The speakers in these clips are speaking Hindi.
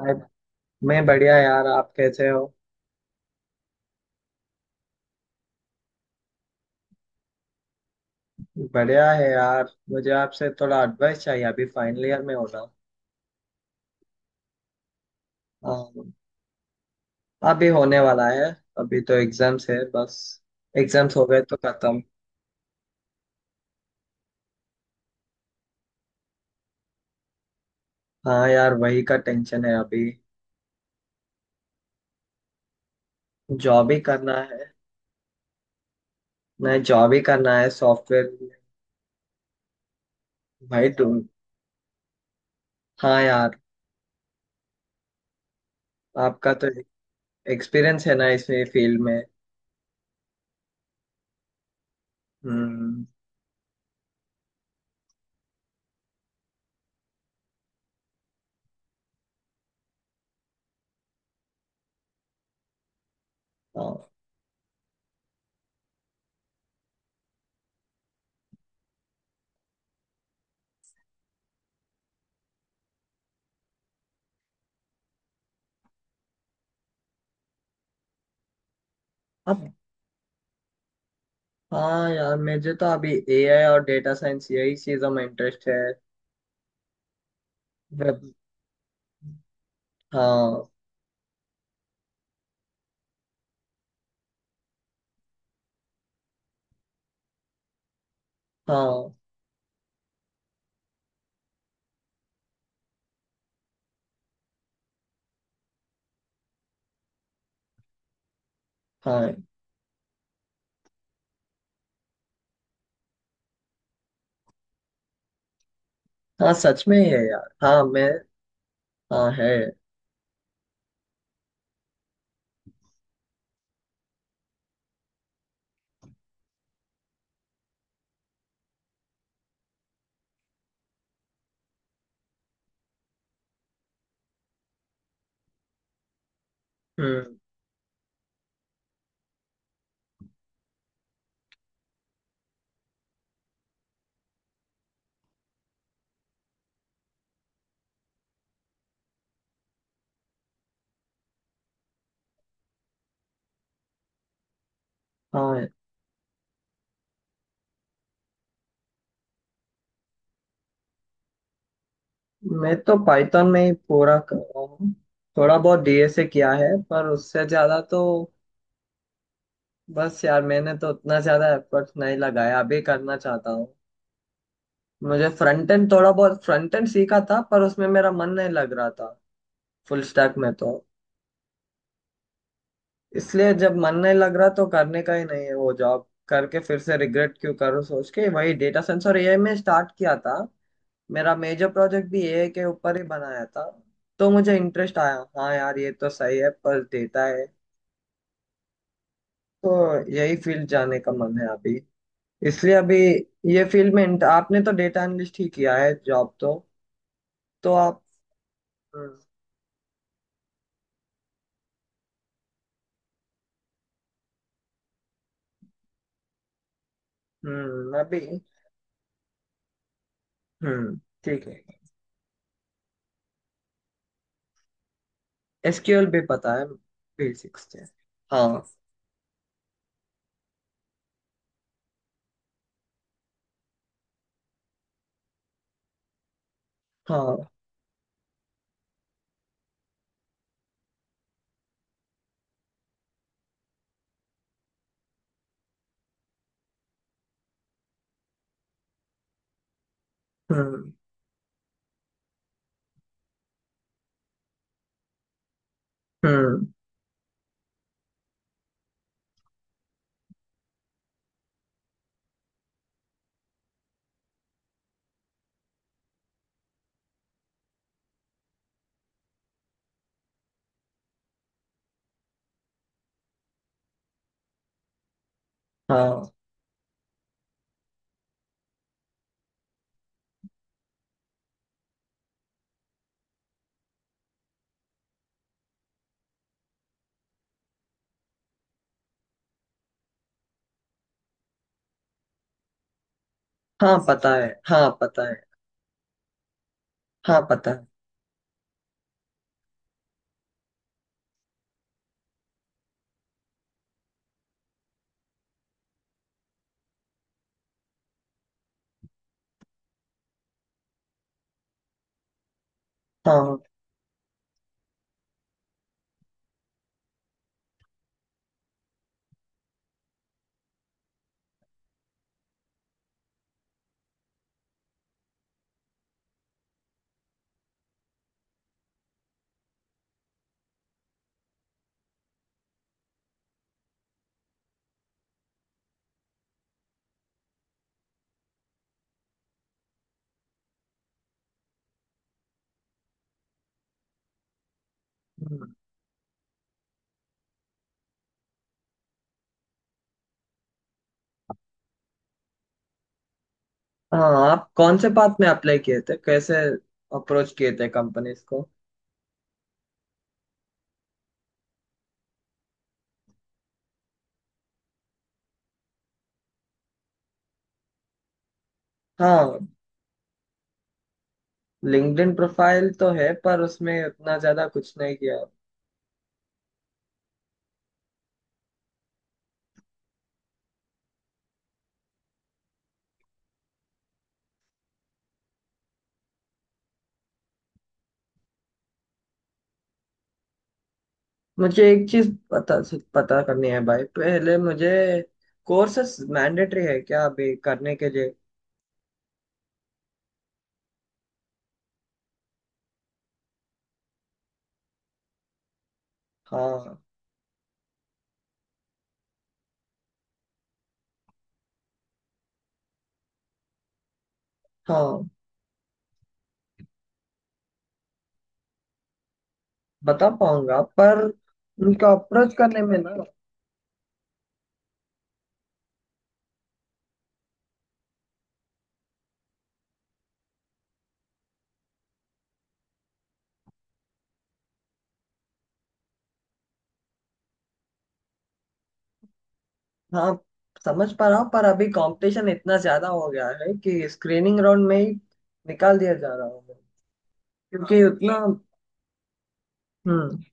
आज मैं बढ़िया यार, आप कैसे हो। बढ़िया है यार, मुझे आपसे थोड़ा एडवाइस चाहिए। अभी फाइनल ईयर में होना अम, अभी होने वाला है। अभी तो एग्जाम्स है बस। एग्जाम्स हो गए तो खत्म। हाँ यार, वही का टेंशन है अभी। जॉब ही करना है। नहीं, जॉब ही करना है, सॉफ्टवेयर। भाई तुम हाँ यार, आपका तो एक्सपीरियंस है ना इस फील्ड में। हम्म। हाँ। अब हाँ यार, मुझे तो अभी एआई और डेटा साइंस यही चीजों में इंटरेस्ट है। वेब हाँ हाँ। हाँ, हाँ सच में ही है यार। हाँ मैं हाँ है। हम्म। हाँ, मैं तो पाइथन में ही पूरा कर रहा हूँ। थोड़ा बहुत डीएसए किया है, पर उससे ज्यादा तो बस यार, मैंने तो उतना ज्यादा एफर्ट नहीं लगाया, अभी करना चाहता हूँ। मुझे फ्रंट एंड थोड़ा बहुत फ्रंट एंड सीखा था, पर उसमें मेरा मन नहीं लग रहा था, फुल स्टैक में तो। इसलिए जब मन नहीं लग रहा तो करने का ही नहीं है वो। जॉब करके फिर से रिग्रेट क्यों करूँ सोच के वही डेटा साइंस और एआई में स्टार्ट किया था। मेरा मेजर प्रोजेक्ट भी एआई के ऊपर ही बनाया था। तो मुझे इंटरेस्ट आया। हाँ यार, ये तो सही है, पर डेटा है तो यही फील्ड जाने का मन है अभी। इसलिए अभी ये फील्ड में आपने तो डेटा एनालिस्ट ही किया है जॉब तो। तो आप हम्म। अभी। हम्म, ठीक है। एसक्यूएल भी पता है बेसिक्स से। हाँ। हाँ। हम्म। हम्म। हाँ। हाँ पता है। हाँ पता है। हाँ पता है। हाँ। हम्म। हाँ, आप कौन से बात में अप्लाई किए थे? कैसे अप्रोच किए थे कंपनीज को? हाँ। लिंक्डइन प्रोफाइल तो है, पर उसमें उतना ज्यादा कुछ नहीं किया। मुझे एक चीज पता पता करनी है भाई। पहले मुझे कोर्सेस मैंडेटरी है क्या अभी करने के लिए? हाँ। हाँ, बता पाऊंगा, पर उनका अप्रोच करने में ना। हाँ, समझ पा रहा हूँ, पर अभी कंपटीशन इतना ज्यादा हो गया है कि स्क्रीनिंग राउंड में ही निकाल दिया जा रहा हूँ मैं। क्योंकि उतना। हम्म।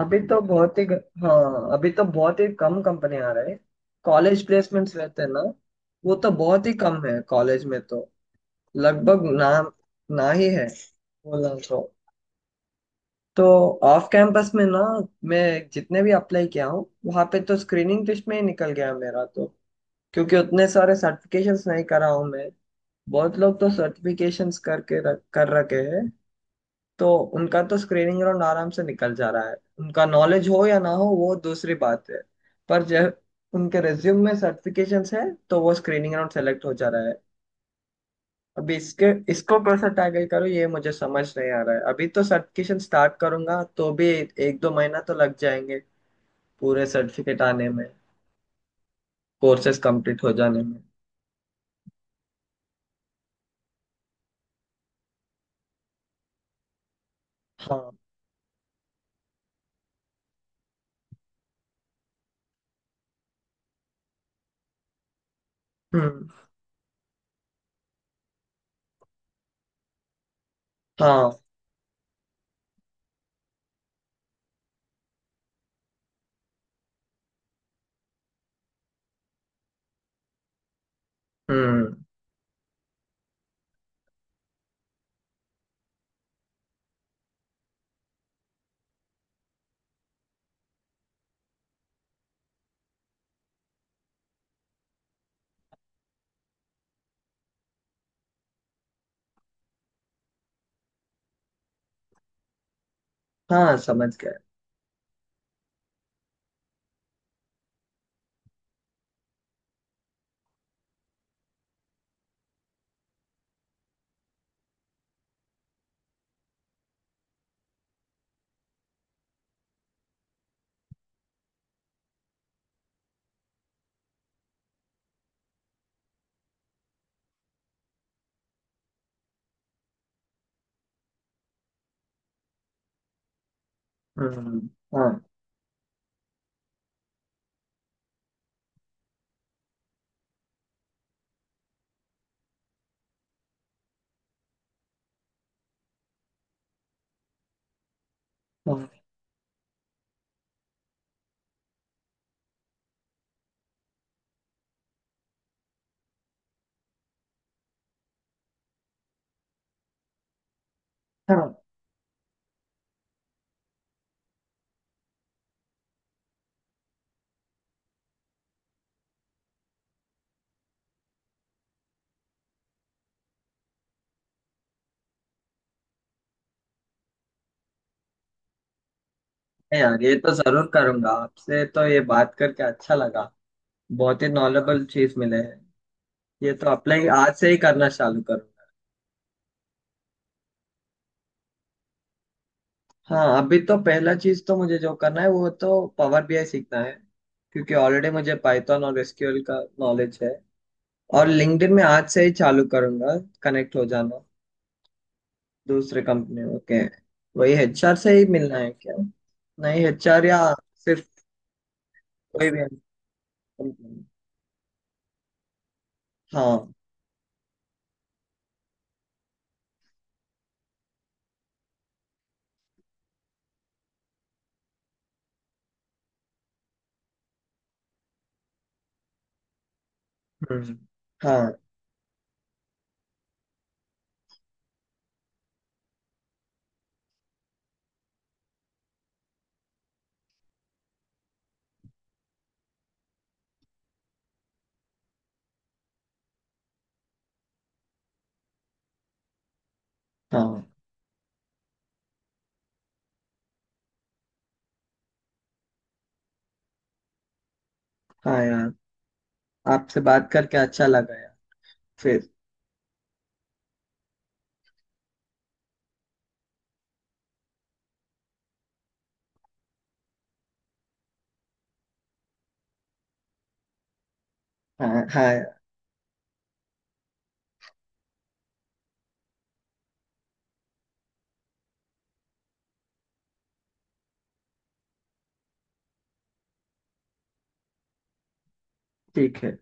अभी तो बहुत ही हाँ, अभी तो बहुत ही कम कंपनी आ रहे हैं। कॉलेज प्लेसमेंट्स रहते हैं ना, वो तो बहुत ही कम है कॉलेज में तो। लगभग ना, ना ही है। बोला तो ऑफ कैंपस में ना। मैं जितने भी अप्लाई किया हूँ वहाँ पे तो स्क्रीनिंग टेस्ट में ही निकल गया मेरा तो। क्योंकि उतने सारे सर्टिफिकेशंस नहीं करा हूँ मैं। बहुत लोग तो सर्टिफिकेशंस करके रख कर रखे हैं तो। उनका तो स्क्रीनिंग राउंड आराम से निकल जा रहा है। उनका नॉलेज हो या ना हो, वो दूसरी बात है, पर जब उनके रिज्यूम में सर्टिफिकेशंस है तो वो स्क्रीनिंग राउंड सेलेक्ट हो जा रहा है। अभी इसके इसको कैसे टैकल करूँ ये मुझे समझ नहीं आ रहा है। अभी तो सर्टिफिकेशन स्टार्ट करूंगा तो भी एक दो महीना तो लग जाएंगे पूरे सर्टिफिकेट आने में, कोर्सेज कंप्लीट हो जाने में। हाँ। हम्म। हाँ। हम्म। हाँ समझ गया। हम्म। हाँ। हाँ। हाँ, है यार, ये तो जरूर करूंगा। आपसे तो ये बात करके अच्छा लगा। बहुत ही नॉलेबल चीज मिले है। ये तो अप्लाई आज से ही करना चालू करूंगा। हाँ, अभी तो पहला चीज तो मुझे जो करना है वो तो पावर बीआई सीखना है। क्योंकि ऑलरेडी मुझे पाइथन और एसक्यूएल का नॉलेज है। और लिंक्डइन में आज से ही चालू करूंगा। कनेक्ट हो जाना दूसरे कंपनी। ओके। वही एचआर से ही मिलना है क्या? नहीं, एचआर या सिर्फ कोई भी company? हाँ। हम्म। हाँ। हाँ। हाँ यार, आपसे बात करके अच्छा लगा यार। फिर। हाँ हाँ यार। ठीक है।